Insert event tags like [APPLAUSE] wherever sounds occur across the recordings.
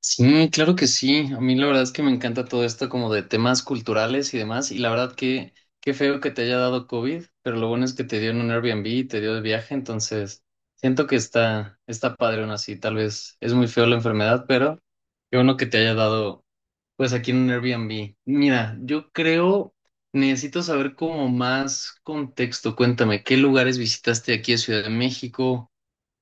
Sí, claro que sí. A mí la verdad es que me encanta todo esto como de temas culturales y demás. Y la verdad que qué feo que te haya dado COVID, pero lo bueno es que te dio en un Airbnb y te dio de viaje, entonces siento que está padre aún así. Tal vez es muy feo la enfermedad, pero qué bueno que te haya dado pues aquí en un Airbnb. Mira, yo creo, necesito saber como más contexto. Cuéntame, ¿qué lugares visitaste aquí en Ciudad de México?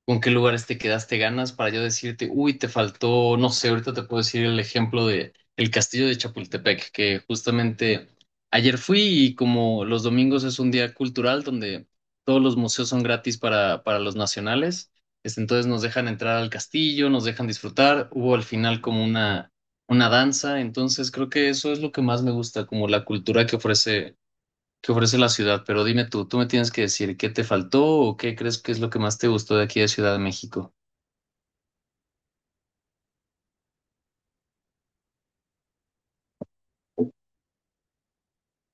Con qué lugares te quedaste ganas para yo decirte, uy, te faltó, no sé, ahorita te puedo decir el ejemplo de el Castillo de Chapultepec, que justamente ayer fui y como los domingos es un día cultural donde todos los museos son gratis para los nacionales, entonces nos dejan entrar al castillo, nos dejan disfrutar, hubo al final como una danza, entonces creo que eso es lo que más me gusta, como la cultura que ofrece la ciudad, pero dime tú, tú me tienes que decir qué te faltó o qué crees que es lo que más te gustó de aquí de Ciudad de México.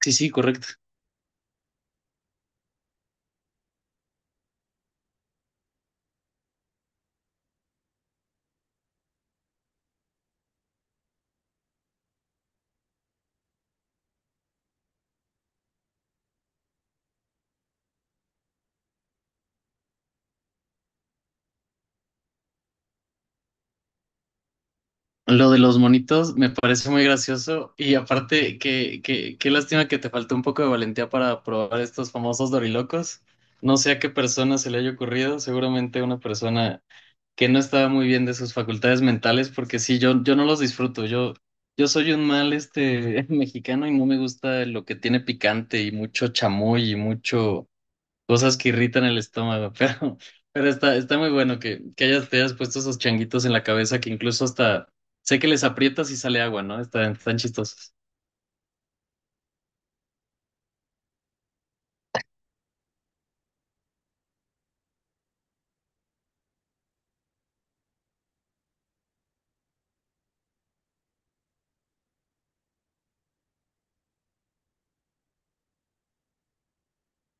Sí, sí, correcto. Lo de los monitos me parece muy gracioso y aparte qué lástima que te faltó un poco de valentía para probar estos famosos dorilocos. No sé a qué persona se le haya ocurrido, seguramente una persona que no estaba muy bien de sus facultades mentales, porque sí, yo no los disfruto. Yo soy un mal [LAUGHS] mexicano y no me gusta lo que tiene picante y mucho chamoy y mucho cosas que irritan el estómago, [LAUGHS] pero está muy bueno que hayas, te hayas puesto esos changuitos en la cabeza que incluso hasta sé que les aprietas y sale agua, ¿no? Están chistosos.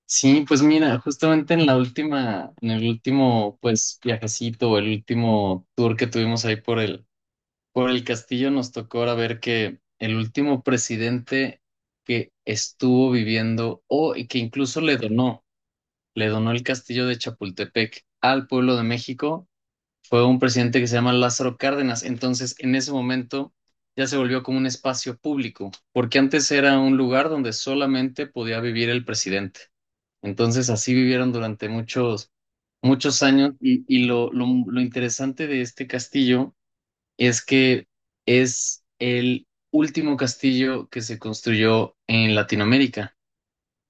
Sí, pues mira, justamente en la última, en el último, pues, viajecito o el último tour que tuvimos ahí por el castillo, nos tocó ahora ver que el último presidente que estuvo viviendo o y que incluso le donó el castillo de Chapultepec al pueblo de México fue un presidente que se llama Lázaro Cárdenas. Entonces, en ese momento ya se volvió como un espacio público, porque antes era un lugar donde solamente podía vivir el presidente. Entonces, así vivieron durante muchos, muchos años. Y, y lo interesante de este castillo es que es el último castillo que se construyó en Latinoamérica,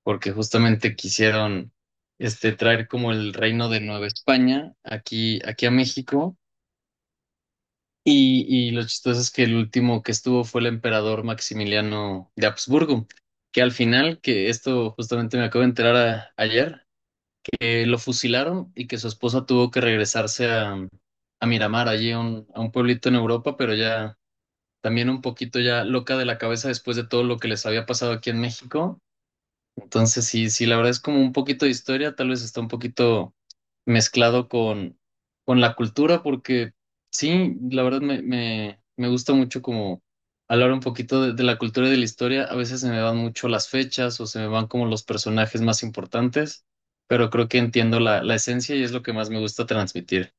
porque justamente quisieron traer como el reino de Nueva España aquí a México. Y lo chistoso es que el último que estuvo fue el emperador Maximiliano de Habsburgo, que al final, que esto justamente me acabo de enterar ayer, que lo fusilaron y que su esposa tuvo que regresarse a Miramar, allí a a un pueblito en Europa, pero ya también un poquito ya loca de la cabeza después de todo lo que les había pasado aquí en México, entonces, sí, sí, la verdad es como un poquito de historia, tal vez está un poquito mezclado con la cultura, porque sí, la verdad me gusta mucho como hablar un poquito de la cultura y de la historia. A veces se me van mucho las fechas o se me van como los personajes más importantes, pero creo que entiendo la esencia y es lo que más me gusta transmitir.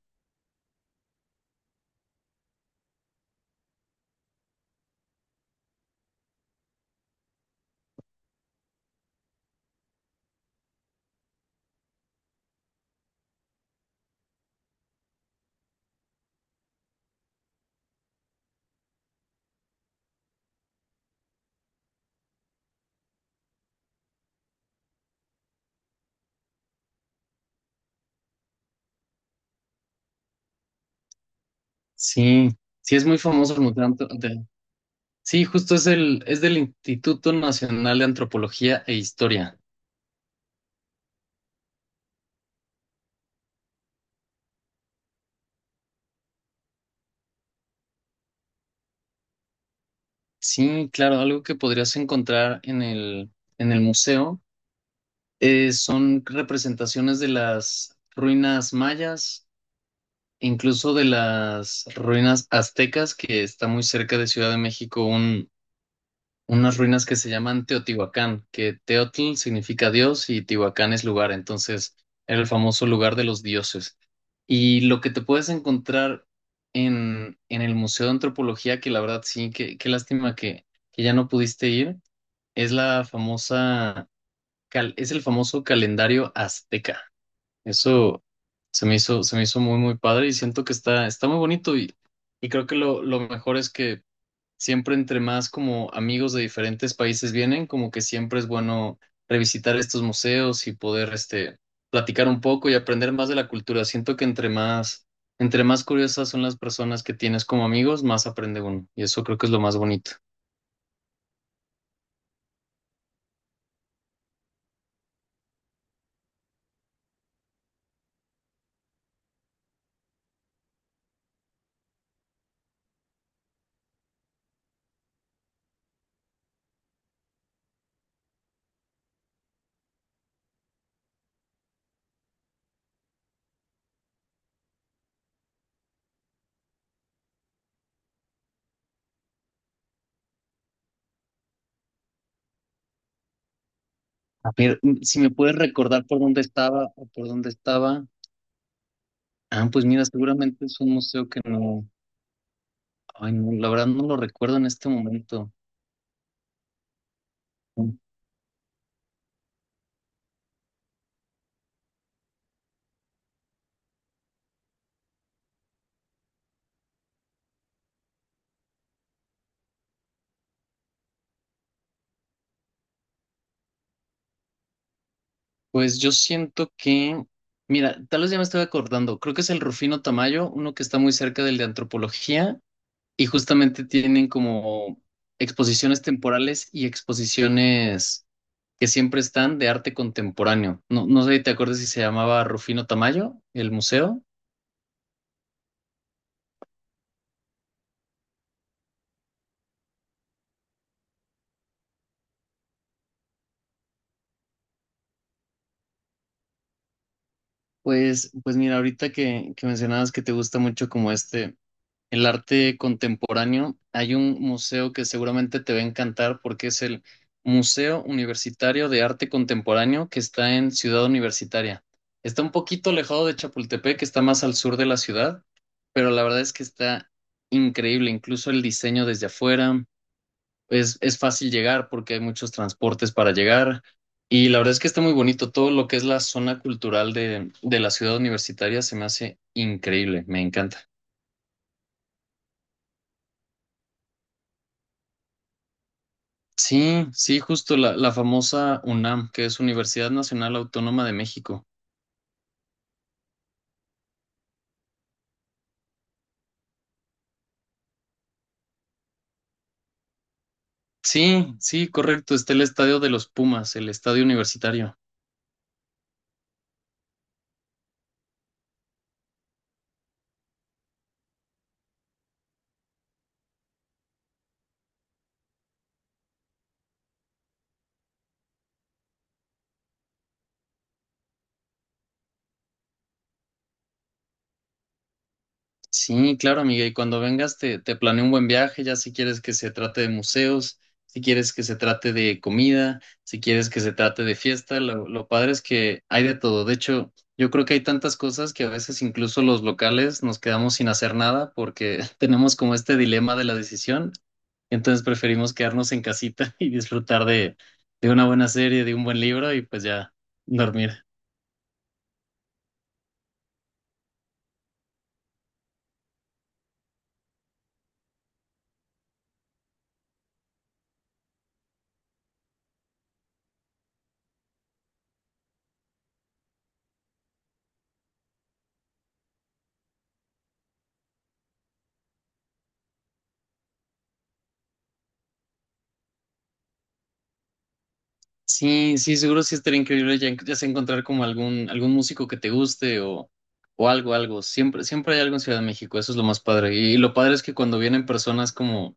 Sí, sí es muy famoso el Museo Sí, justo es es del Instituto Nacional de Antropología e Historia. Sí, claro, algo que podrías encontrar en el museo son representaciones de las ruinas mayas, incluso de las ruinas aztecas, que está muy cerca de Ciudad de México, unas ruinas que se llaman Teotihuacán, que Teotl significa Dios y Tihuacán es lugar, entonces era el famoso lugar de los dioses. Y lo que te puedes encontrar en el Museo de Antropología, que la verdad sí, qué lástima que ya no pudiste ir es la famosa, es el famoso calendario azteca. Eso se me hizo muy, muy padre y siento que está muy bonito y creo que lo mejor es que siempre entre más como amigos de diferentes países vienen, como que siempre es bueno revisitar estos museos y poder, platicar un poco y aprender más de la cultura. Siento que entre más curiosas son las personas que tienes como amigos, más aprende uno y eso creo que es lo más bonito. A ver, si me puedes recordar por dónde estaba o por dónde estaba. Ah, pues mira, seguramente es un museo que no, ay, no, la verdad no lo recuerdo en este momento. Pues yo siento que, mira, tal vez ya me estoy acordando, creo que es el Rufino Tamayo, uno que está muy cerca del de antropología, y justamente tienen como exposiciones temporales y exposiciones que siempre están de arte contemporáneo. No, no sé si te acuerdas si se llamaba Rufino Tamayo, el museo. Pues, pues mira, ahorita que mencionabas que te gusta mucho como el arte contemporáneo, hay un museo que seguramente te va a encantar porque es el Museo Universitario de Arte Contemporáneo que está en Ciudad Universitaria. Está un poquito alejado de Chapultepec, que está más al sur de la ciudad, pero la verdad es que está increíble, incluso el diseño desde afuera es fácil llegar porque hay muchos transportes para llegar. Y la verdad es que está muy bonito. Todo lo que es la zona cultural de la ciudad universitaria se me hace increíble. Me encanta. Sí, sí, justo la famosa UNAM, que es Universidad Nacional Autónoma de México. Sí, sí, correcto. Está el Estadio de los Pumas, el estadio universitario. Sí, claro, amiga. Y cuando vengas, te planeo un buen viaje, ya si quieres que se trate de museos, si quieres que se trate de comida, si quieres que se trate de fiesta. Lo padre es que hay de todo. De hecho, yo creo que hay tantas cosas que a veces incluso los locales nos quedamos sin hacer nada porque [LAUGHS] tenemos como este dilema de la decisión. Entonces preferimos quedarnos en casita [LAUGHS] y disfrutar de una buena serie, de un buen libro y pues ya dormir. Sí, sí, seguro sí estaría increíble ya, ya sea encontrar como algún, algún músico que te guste o algo, algo. Siempre, siempre hay algo en Ciudad de México, eso es lo más padre. Y, lo padre es que cuando vienen personas como,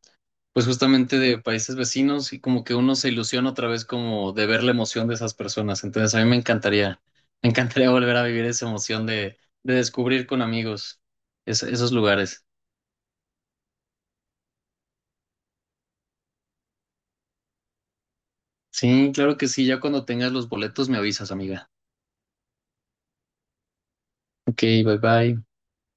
pues justamente de países vecinos y como que uno se ilusiona otra vez como de ver la emoción de esas personas. Entonces a mí me encantaría [LAUGHS] volver a vivir esa emoción de descubrir con amigos esos lugares. Sí, claro que sí, ya cuando tengas los boletos me avisas, amiga. Ok, bye bye.